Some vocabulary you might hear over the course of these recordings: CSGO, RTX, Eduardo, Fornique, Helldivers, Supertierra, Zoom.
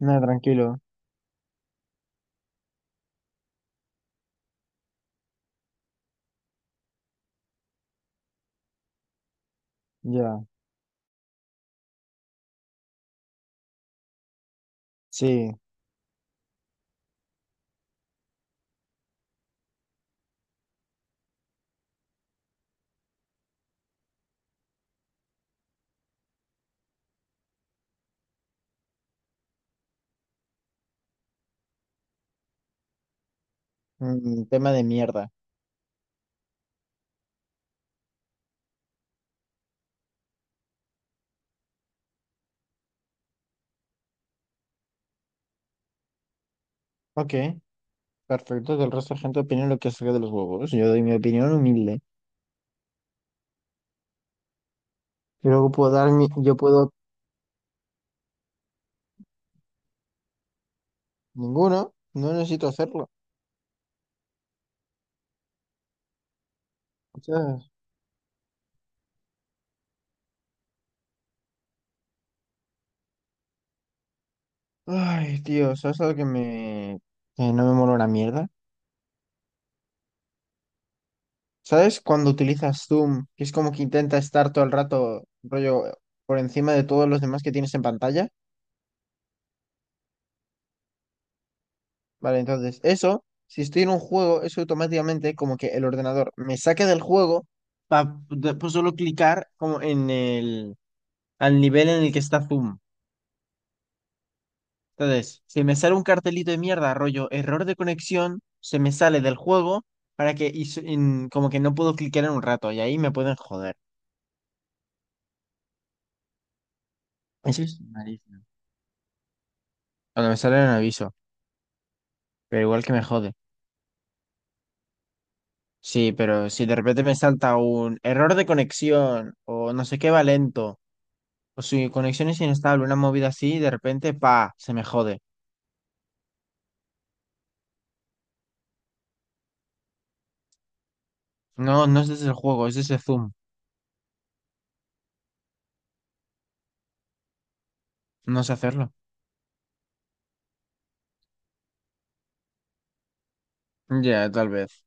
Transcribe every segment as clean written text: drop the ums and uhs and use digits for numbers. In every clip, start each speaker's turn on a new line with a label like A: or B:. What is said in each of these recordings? A: No, tranquilo. Ya. Sí. Un tema de mierda. Ok. Perfecto. Que el resto de gente opine lo que saque de los huevos. Yo doy mi opinión humilde. Y luego puedo dar mi... Yo puedo... Ninguno. No necesito hacerlo. ¿Sabes? Ay, tío. ¿Sabes algo que me... que no me mola una mierda? ¿Sabes cuando utilizas Zoom? Que es como que intenta estar todo el rato, rollo, por encima de todos los demás que tienes en pantalla. Vale, entonces eso, si estoy en un juego, eso automáticamente como que el ordenador me saca del juego para después solo clicar como en el, al nivel en el que está Zoom. Entonces, si me sale un cartelito de mierda, rollo, error de conexión, se me sale del juego para que, y s- en- como que no puedo clicar en un rato y ahí me pueden joder. Eso es malísimo. Cuando me sale un aviso, pero igual que me jode. Sí, pero si de repente me salta un error de conexión o no sé qué va lento. Pues si conexión es inestable, una movida así, de repente, pa, se me jode. No, no es desde el juego, es desde Zoom. No sé hacerlo. Ya, tal vez.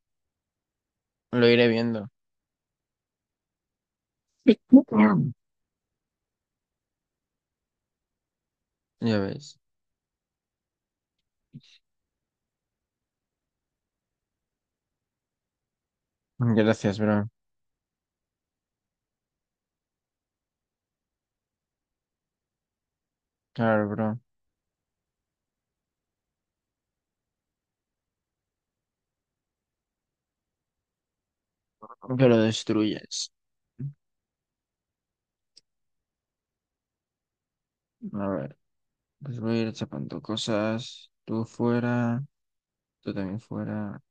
A: Lo iré viendo. Mm. Ya ves. Gracias, bro. Claro, bro. Que lo destruyes. A ver, pues voy a ir chapando cosas. Tú fuera, tú también fuera.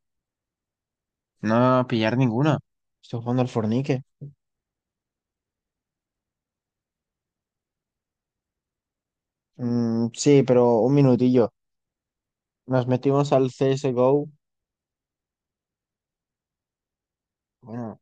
A: No, pillar ninguna. Estoy jugando al Fornique. Mm, sí, pero un minutillo. Nos metimos al CSGO. Bueno.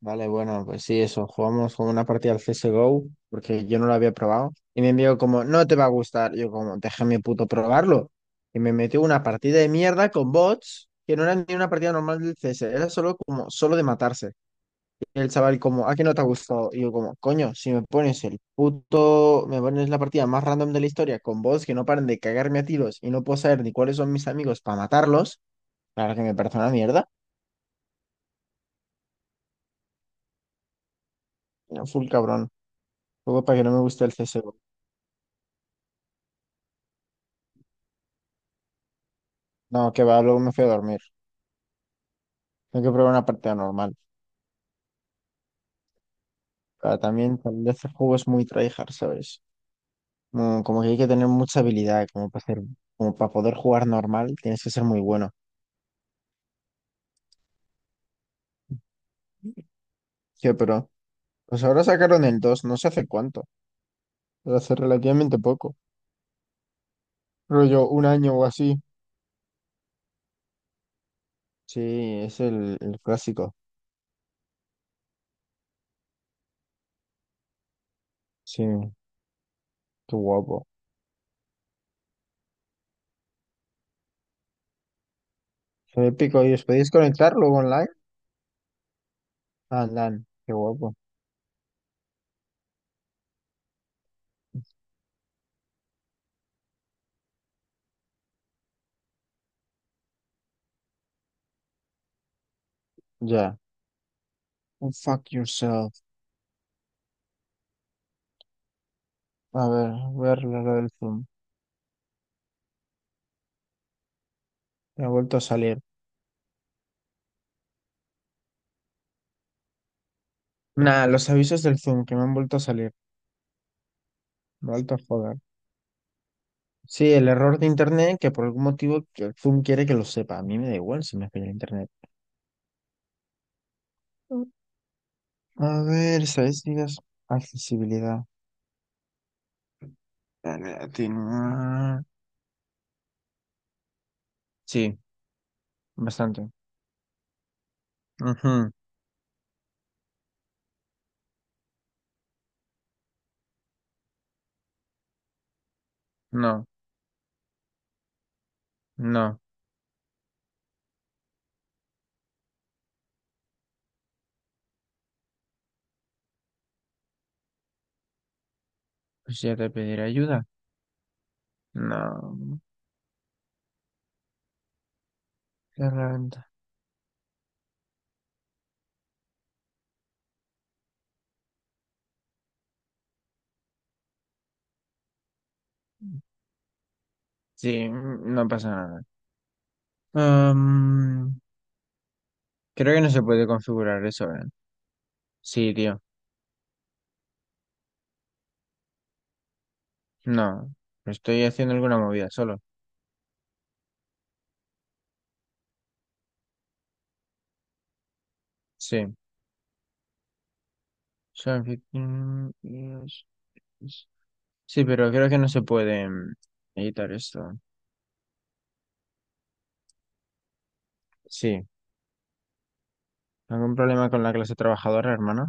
A: Vale, bueno, pues sí, eso, jugamos como una partida al CSGO, porque yo no lo había probado, y me envió como, no te va a gustar, yo como, déjame puto probarlo, y me metió una partida de mierda con bots, que no era ni una partida normal del CS, era solo como, solo de matarse, y el chaval como, ¿a qué no te ha gustado? Y yo como, coño, si me pones el puto, me pones la partida más random de la historia, con bots que no paran de cagarme a tiros, y no puedo saber ni cuáles son mis amigos para matarlos, claro que me parece una mierda, era full cabrón, luego para que no me guste el CSGO. No, que va, luego me fui a dormir. Tengo que probar una partida normal. Pero también, tal vez el juego es muy tryhard, ¿sabes? Como que hay que tener mucha habilidad, como para hacer, como para poder jugar normal, tienes que ser muy bueno. Sí, pero pues ahora sacaron el 2 no sé hace cuánto, pero hace relativamente poco, rollo un año o así. Sí, es el clásico. Sí, qué guapo. Fue épico. ¿Y os podéis conectar luego online? Ah, LAN, qué guapo. Ya. Oh, fuck yourself. A ver, voy a arreglar lo del Zoom. Me ha vuelto a salir. Nah, los avisos del Zoom que me han vuelto a salir. Me han vuelto a joder. Sí, el error de internet que por algún motivo que el Zoom quiere que lo sepa. A mí me da igual si me falla el internet. A ver, estadísticas. Accesibilidad. Dale, atenuar. Sí, bastante. Ujú, no, no. Pues ya te pediré ayuda. No. Herramienta. Sí, no pasa nada. Am, Creo que no se puede configurar eso, ¿eh? Sí, tío. No. Estoy haciendo alguna movida solo. Sí. Solo que- Sí, pero creo que no se puede editar esto. Sí. ¿Algún problema con la clase trabajadora, hermano?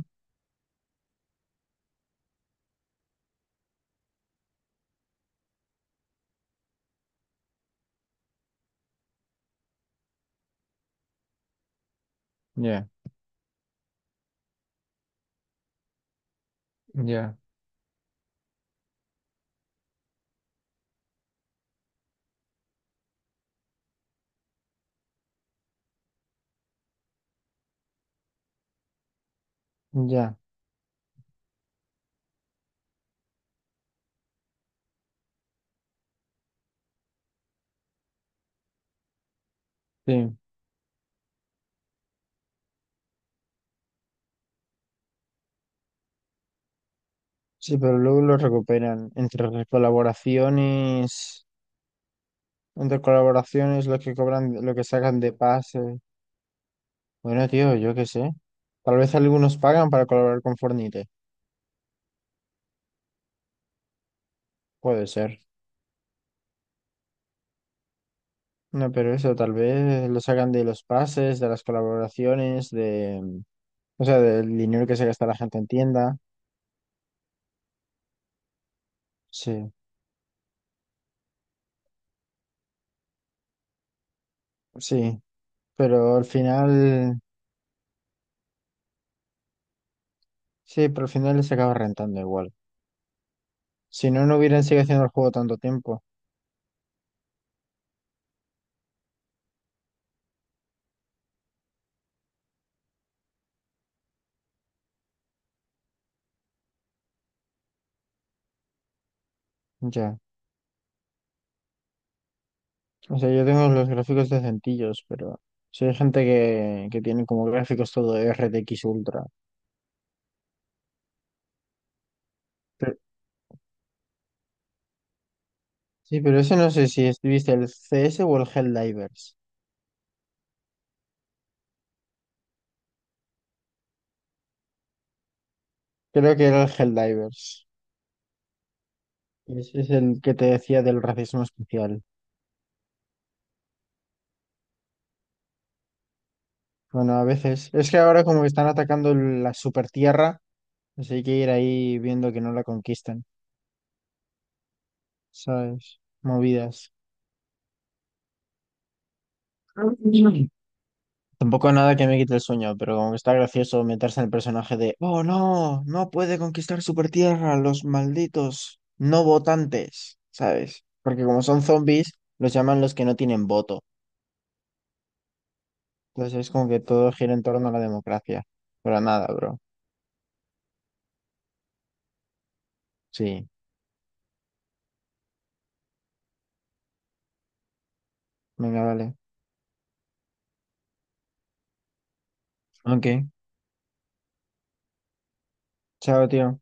A: Ya, ya, ya. Sí. Sí, pero luego lo recuperan. Entre las colaboraciones, entre colaboraciones, lo que cobran, lo que sacan de pase. Bueno, tío, yo qué sé. Tal vez algunos pagan para colaborar con Fornite. Puede ser. No, pero eso, tal vez lo sacan de los pases, de las colaboraciones, de... O sea, del dinero que se gasta la gente en tienda. Sí, sí. Pero al final, sí, pero al final les acaba rentando igual. Si no, no hubieran seguido haciendo el juego tanto tiempo. Ya. O sea, yo tengo los gráficos decentillos, pero sí hay gente que tiene como gráficos todo RTX Ultra. Pero- sí, pero ese no sé si es- viste el CS o el Helldivers. Creo que era el Helldivers. Ese es el que te decía del racismo especial. Bueno, a veces. Es que ahora como que están atacando la Supertierra. Así hay que ir ahí viendo que no la conquistan, ¿sabes? Movidas. Mm. Tampoco nada que me quite el sueño, pero como que está gracioso meterse en el personaje de, oh no, no puede conquistar Supertierra, los malditos no votantes, ¿sabes? Porque como son zombies, los llaman los que no tienen voto. Entonces es como que todo gira en torno a la democracia. Pero nada, bro. Sí, venga, vale. Ok, chao, tío.